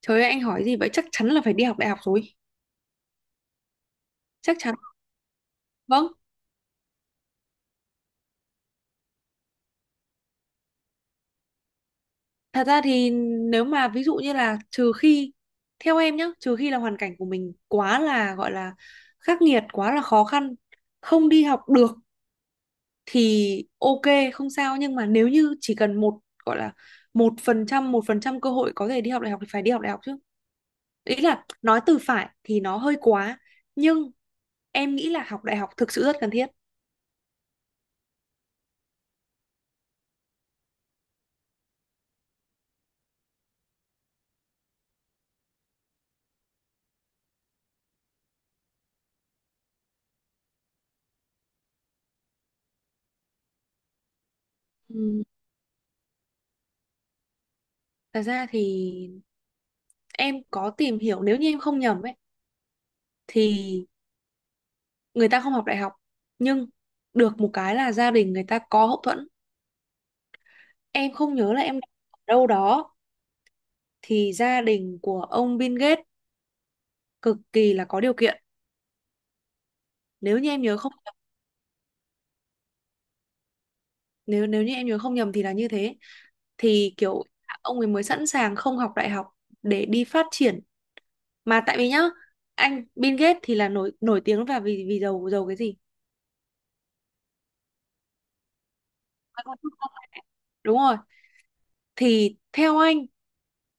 Trời ơi, anh hỏi gì vậy? Chắc chắn là phải đi học đại học rồi. Chắc chắn. Vâng. Thật ra thì nếu mà ví dụ như là trừ khi, theo em nhá, trừ khi là hoàn cảnh của mình quá là, gọi là, khắc nghiệt, quá là khó khăn, không đi học được thì ok, không sao. Nhưng mà nếu như chỉ cần một, gọi là, 1%, 1% cơ hội có thể đi học đại học thì phải đi học đại học chứ. Ý là nói từ phải thì nó hơi quá, nhưng em nghĩ là học đại học thực sự rất cần thiết. Ừ, thật ra thì em có tìm hiểu, nếu như em không nhầm ấy, thì người ta không học đại học nhưng được một cái là gia đình người ta có hậu thuẫn. Em không nhớ là em đọc ở đâu đó, thì gia đình của ông Bill Gates cực kỳ là có điều kiện, nếu như em nhớ không nhầm, nếu nếu như em nhớ không nhầm thì là như thế. Thì kiểu ông ấy mới sẵn sàng không học đại học để đi phát triển, mà tại vì nhá, anh Bill Gates thì là nổi nổi tiếng và vì vì giàu giàu cái gì. Đúng rồi. Thì theo anh,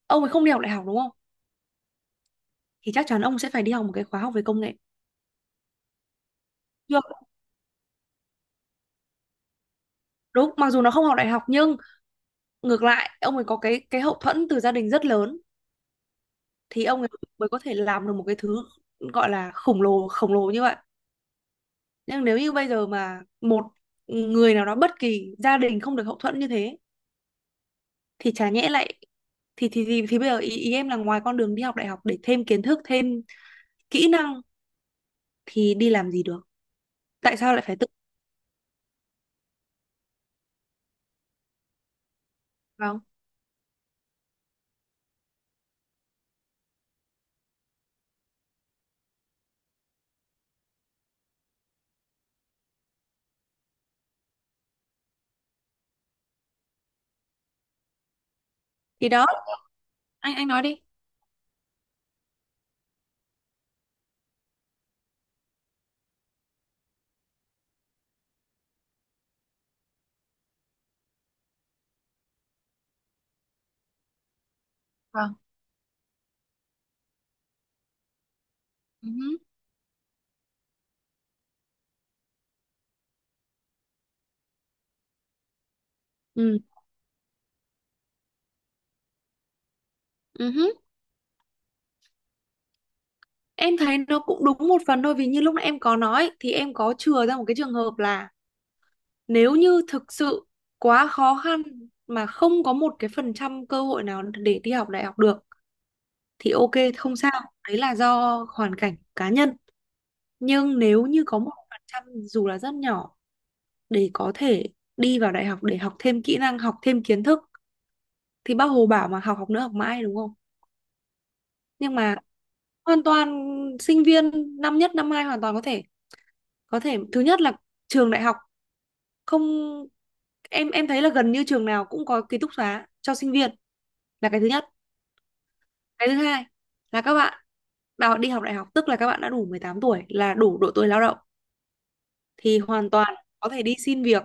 ông ấy không đi học đại học đúng không, thì chắc chắn ông sẽ phải đi học một cái khóa học về công nghệ. Được. Đúng, mặc dù nó không học đại học nhưng ngược lại ông ấy có cái hậu thuẫn từ gia đình rất lớn. Thì ông ấy mới có thể làm được một cái thứ gọi là khổng lồ như vậy. Nhưng nếu như bây giờ mà một người nào đó bất kỳ gia đình không được hậu thuẫn như thế thì chả nhẽ lại, thì bây giờ ý em là ngoài con đường đi học đại học để thêm kiến thức, thêm kỹ năng thì đi làm gì được? Tại sao lại phải tự vào? Thì đó, anh nói đi. Vâng. Ừ. Ừ, ừ. Em thấy nó cũng đúng một phần thôi, vì như lúc nãy em có nói thì em có chừa ra một cái trường hợp là nếu như thực sự quá khó khăn mà không có một cái phần trăm cơ hội nào để đi học đại học được thì ok, không sao, đấy là do hoàn cảnh cá nhân. Nhưng nếu như có 1% dù là rất nhỏ để có thể đi vào đại học để học thêm kỹ năng, học thêm kiến thức, thì bác Hồ bảo mà học, học nữa, học mãi, đúng không? Nhưng mà hoàn toàn, sinh viên năm nhất năm hai hoàn toàn có thể, có thể. Thứ nhất là trường đại học, không, em thấy là gần như trường nào cũng có ký túc xá cho sinh viên, là cái thứ nhất. Cái thứ hai là các bạn, bảo đi học đại học tức là các bạn đã đủ 18 tuổi, là đủ độ tuổi lao động, thì hoàn toàn có thể đi xin việc,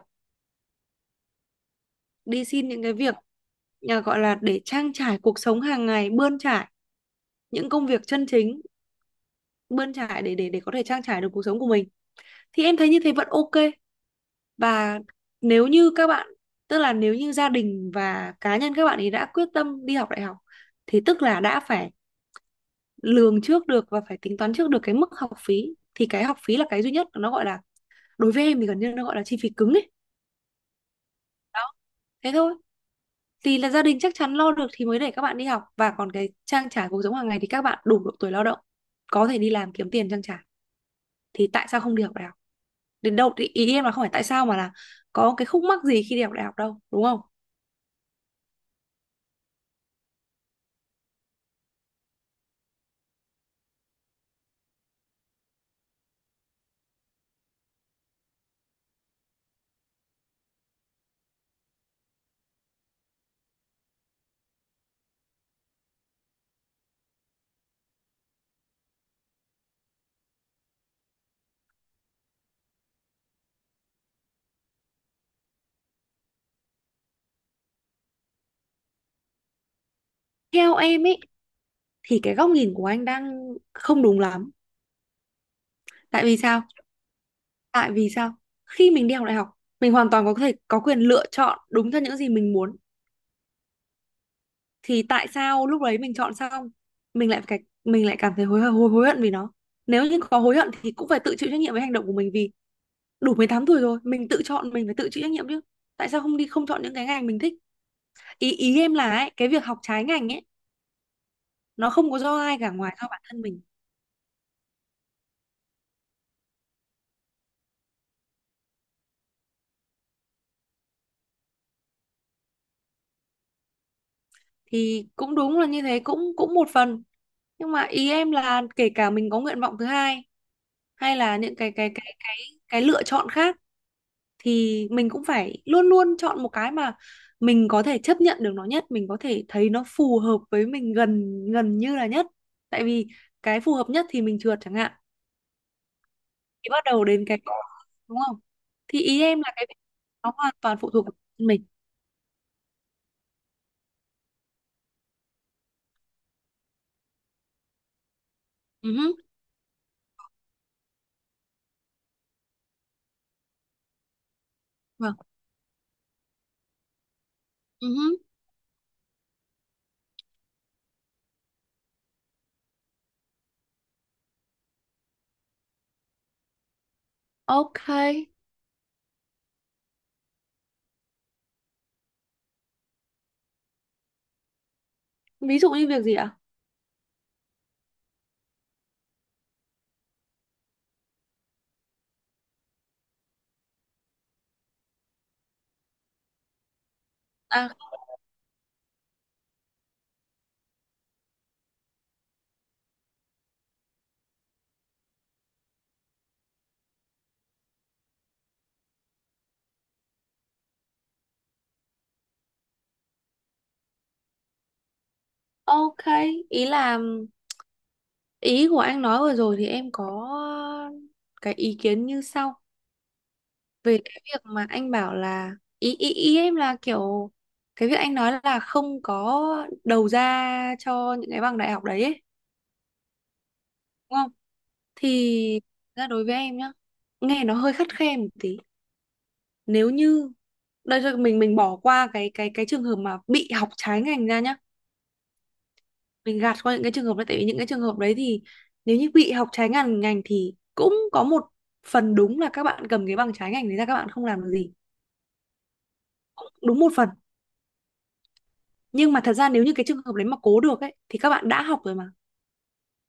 đi xin những cái việc, à, gọi là để trang trải cuộc sống hàng ngày, bươn trải, những công việc chân chính, bươn trải để có thể trang trải được cuộc sống của mình. Thì em thấy như thế vẫn ok. Và nếu như các bạn, tức là nếu như gia đình và cá nhân các bạn ấy đã quyết tâm đi học đại học thì tức là đã phải lường trước được và phải tính toán trước được cái mức học phí. Thì cái học phí là cái duy nhất, nó gọi là, đối với em thì gần như nó gọi là chi phí cứng ấy. Đó, thế thôi. Thì là gia đình chắc chắn lo được thì mới để các bạn đi học, và còn cái trang trải cuộc sống hàng ngày thì các bạn đủ độ tuổi lao động, có thể đi làm kiếm tiền trang trải, thì tại sao không đi học đại học đến đâu? Thì ý em là không phải tại sao mà là có cái khúc mắc gì khi đi học đại học đâu, đúng không? Theo em ấy, thì cái góc nhìn của anh đang không đúng lắm. Tại vì sao? Tại vì sao khi mình đi học đại học, mình hoàn toàn có thể có quyền lựa chọn đúng theo những gì mình muốn, thì tại sao lúc đấy mình chọn xong, mình lại phải, mình lại cảm thấy hối hối hối hận vì nó? Nếu như có hối hận thì cũng phải tự chịu trách nhiệm với hành động của mình, vì đủ 18 tuổi rồi mình tự chọn, mình phải tự chịu trách nhiệm chứ. Tại sao không đi, không chọn những cái ngành mình thích? Ý, ý em là ấy, cái việc học trái ngành ấy, nó không có do ai cả ngoài do bản thân mình. Thì cũng đúng là như thế, cũng cũng một phần, nhưng mà ý em là kể cả mình có nguyện vọng thứ hai hay là những cái cái lựa chọn khác, thì mình cũng phải luôn luôn chọn một cái mà mình có thể chấp nhận được nó nhất, mình có thể thấy nó phù hợp với mình gần gần như là nhất. Tại vì cái phù hợp nhất thì mình trượt chẳng hạn, thì bắt đầu đến cái, đúng không? Thì ý em là cái, nó hoàn toàn phụ thuộc vào mình. Ừ hứ. Vâng. Ừ hứ. Ok. Ví dụ như việc gì ạ? À, ok. Ý là ý của anh nói vừa rồi thì em có cái ý kiến như sau, về cái việc mà anh bảo là, ý ý ý em là kiểu, cái việc anh nói là không có đầu ra cho những cái bằng đại học đấy ấy, đúng không? Thì ra đối với em nhá, nghe nó hơi khắt khe một tí. Nếu như đây rồi mình bỏ qua cái trường hợp mà bị học trái ngành ra nhá, mình gạt qua những cái trường hợp đấy, tại vì những cái trường hợp đấy thì nếu như bị học trái ngành ngành thì cũng có một phần đúng là các bạn cầm cái bằng trái ngành đấy ra, các bạn không làm được gì. Cũng đúng một phần, nhưng mà thật ra nếu như cái trường hợp đấy mà cố được ấy thì các bạn đã học rồi mà,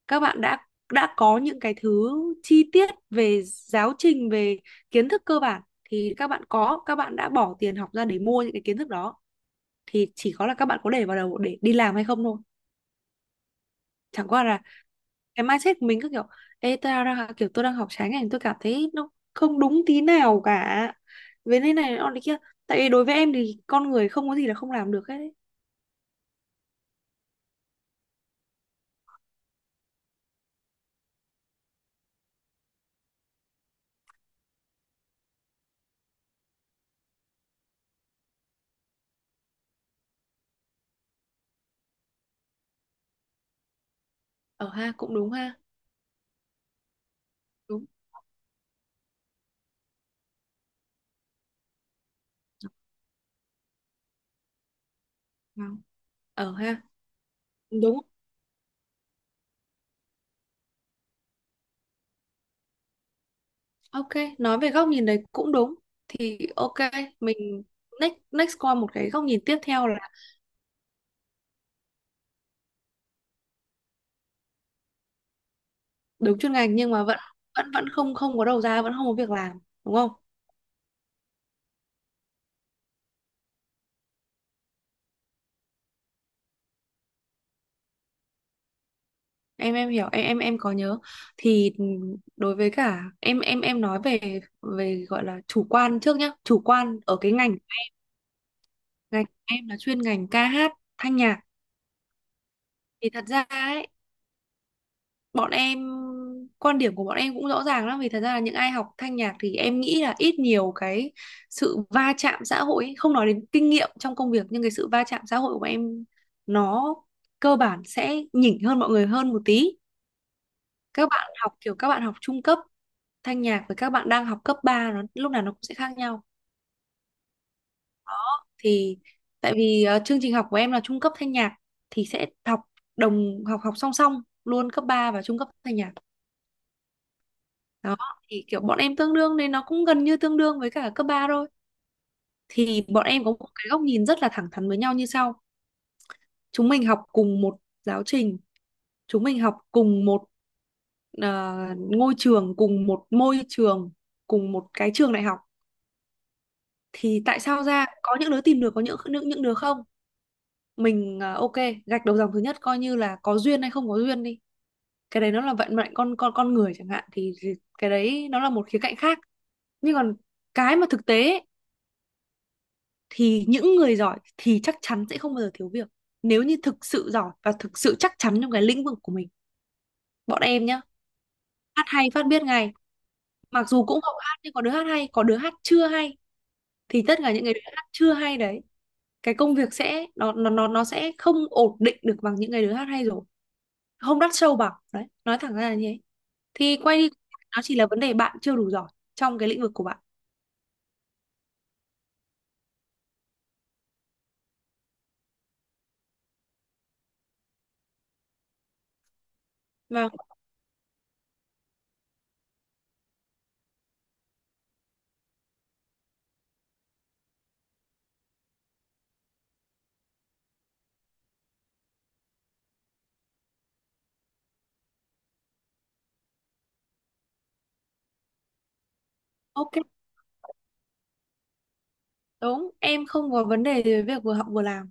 các bạn đã có những cái thứ chi tiết về giáo trình, về kiến thức cơ bản. Thì các bạn có, các bạn đã bỏ tiền học ra để mua những cái kiến thức đó, thì chỉ có là các bạn có để vào đầu để đi làm hay không thôi. Chẳng qua là cái mindset của mình cứ kiểu ê, kiểu tôi đang học trái ngành, tôi cảm thấy nó không đúng tí nào cả, với thế này nó thế kia. Tại vì đối với em thì con người không có gì là không làm được hết ấy. Ở ha, cũng đúng ha. Đúng. Vâng. ở ha. Đúng. Ok. Nói về góc nhìn đấy cũng đúng, thì ok, mình next next qua một cái góc nhìn tiếp theo là đúng chuyên ngành nhưng mà vẫn, vẫn không không có đầu ra, vẫn không có việc làm, đúng không? Em hiểu, em có nhớ, thì đối với cả em nói về về gọi là chủ quan trước nhá, chủ quan ở cái ngành, ngành em là chuyên ngành ca hát, thanh nhạc. Thì thật ra ấy, bọn em, quan điểm của bọn em cũng rõ ràng lắm, vì thật ra là những ai học thanh nhạc thì em nghĩ là ít nhiều cái sự va chạm xã hội ấy. Không nói đến kinh nghiệm trong công việc, nhưng cái sự va chạm xã hội của bọn em nó cơ bản sẽ nhỉnh hơn mọi người hơn một tí. Các bạn học kiểu các bạn học trung cấp thanh nhạc với các bạn đang học cấp 3 lúc nào nó cũng sẽ khác nhau. Thì tại vì chương trình học của em là trung cấp thanh nhạc, thì sẽ học đồng học học song song luôn cấp 3 và trung cấp thanh nhạc. Đó, thì kiểu bọn em tương đương, nên nó cũng gần như tương đương với cả cấp 3 thôi. Thì bọn em có một cái góc nhìn rất là thẳng thắn với nhau như sau: chúng mình học cùng một giáo trình, chúng mình học cùng một ngôi trường, cùng một môi trường, cùng một cái trường đại học. Thì tại sao ra có những đứa tìm được, có những đứa không? Mình à, ok, gạch đầu dòng thứ nhất coi như là có duyên hay không có duyên đi, cái đấy nó là vận mệnh con người chẳng hạn, thì cái đấy nó là một khía cạnh khác. Nhưng còn cái mà thực tế ấy, thì những người giỏi thì chắc chắn sẽ không bao giờ thiếu việc, nếu như thực sự giỏi và thực sự chắc chắn trong cái lĩnh vực của mình. Bọn em nhá, hát hay phát biết ngay. Mặc dù cũng học hát nhưng có đứa hát hay, có đứa hát chưa hay. Thì tất cả những người đứa hát chưa hay đấy, cái công việc sẽ nó sẽ không ổn định được bằng những người đứa hát hay rồi, không đắt sâu bằng đấy, nói thẳng ra là như thế. Thì quay đi, nó chỉ là vấn đề bạn chưa đủ giỏi trong cái lĩnh vực của bạn. Và ok, đúng, em không có vấn đề về việc vừa học vừa làm.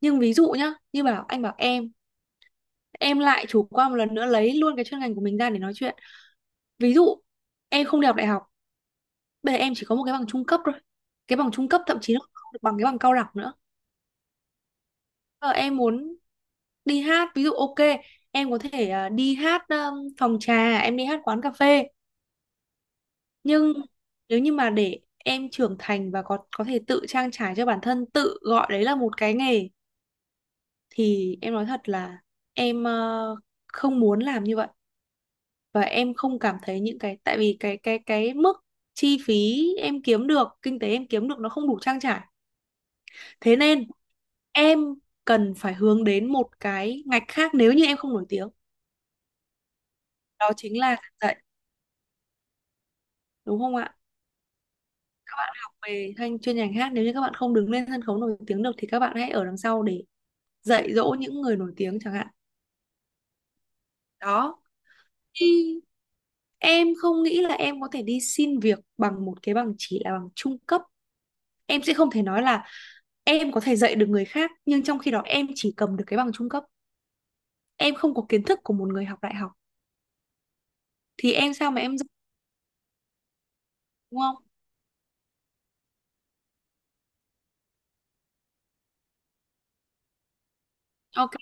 Nhưng ví dụ nhá, như bảo anh bảo em lại chủ quan một lần nữa lấy luôn cái chuyên ngành của mình ra để nói chuyện. Ví dụ em không đi học đại học, bây giờ em chỉ có một cái bằng trung cấp thôi, cái bằng trung cấp thậm chí nó không được bằng cái bằng cao đẳng nữa. Bây em muốn đi hát ví dụ, ok, em có thể đi hát phòng trà, em đi hát quán cà phê. Nhưng nếu như mà để em trưởng thành và có thể tự trang trải cho bản thân, tự gọi đấy là một cái nghề, thì em nói thật là em không muốn làm như vậy. Và em không cảm thấy những cái, tại vì cái mức chi phí em kiếm được, kinh tế em kiếm được nó không đủ trang trải. Thế nên em cần phải hướng đến một cái ngạch khác nếu như em không nổi tiếng. Đó chính là giảng dạy, đúng không ạ? Các bạn học về thanh chuyên ngành hát, nếu như các bạn không đứng lên sân khấu nổi tiếng được thì các bạn hãy ở đằng sau để dạy dỗ những người nổi tiếng chẳng hạn. Đó. Thì em không nghĩ là em có thể đi xin việc bằng một cái bằng chỉ là bằng trung cấp. Em sẽ không thể nói là em có thể dạy được người khác nhưng trong khi đó em chỉ cầm được cái bằng trung cấp, em không có kiến thức của một người học đại học, thì em sao mà em dạy? Đúng không? Ok,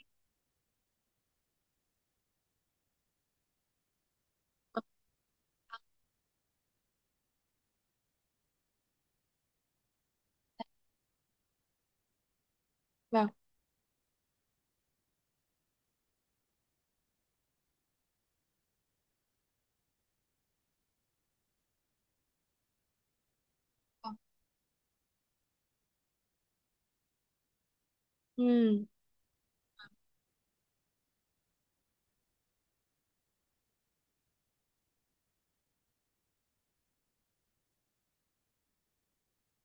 vâng, ừ.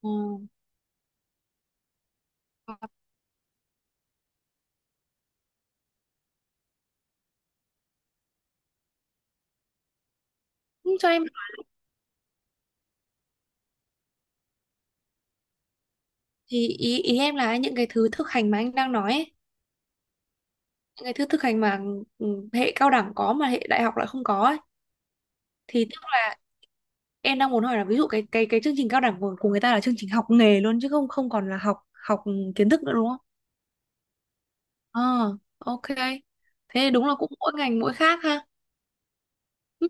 Ừ. Ừ, cho em. Thì ý ý em là những cái thứ thực hành mà anh đang nói ấy, những cái thứ thực hành mà ừ, hệ cao đẳng có mà hệ đại học lại không có ấy, thì tức là em đang muốn hỏi là ví dụ cái chương trình cao đẳng của người ta là chương trình học nghề luôn, chứ không không còn là học học kiến thức nữa, đúng không? Ờ, ok. Thế đúng là cũng mỗi ngành mỗi khác ha. Ừ.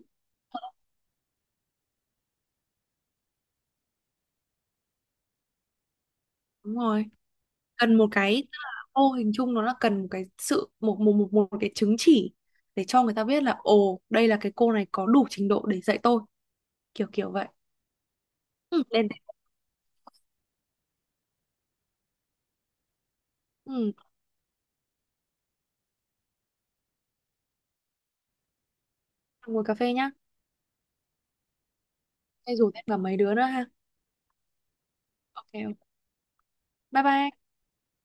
Đúng rồi. Cần một cái, mô hình chung nó là cần một cái sự một cái chứng chỉ để cho người ta biết là ồ, đây là cái cô này có đủ trình độ để dạy tôi, kiểu kiểu vậy. Ừ, lên đây. Ừ, ngồi cà phê nhá. Hay rủ thêm cả mấy đứa nữa ha. Ok. Ok. Bye bye.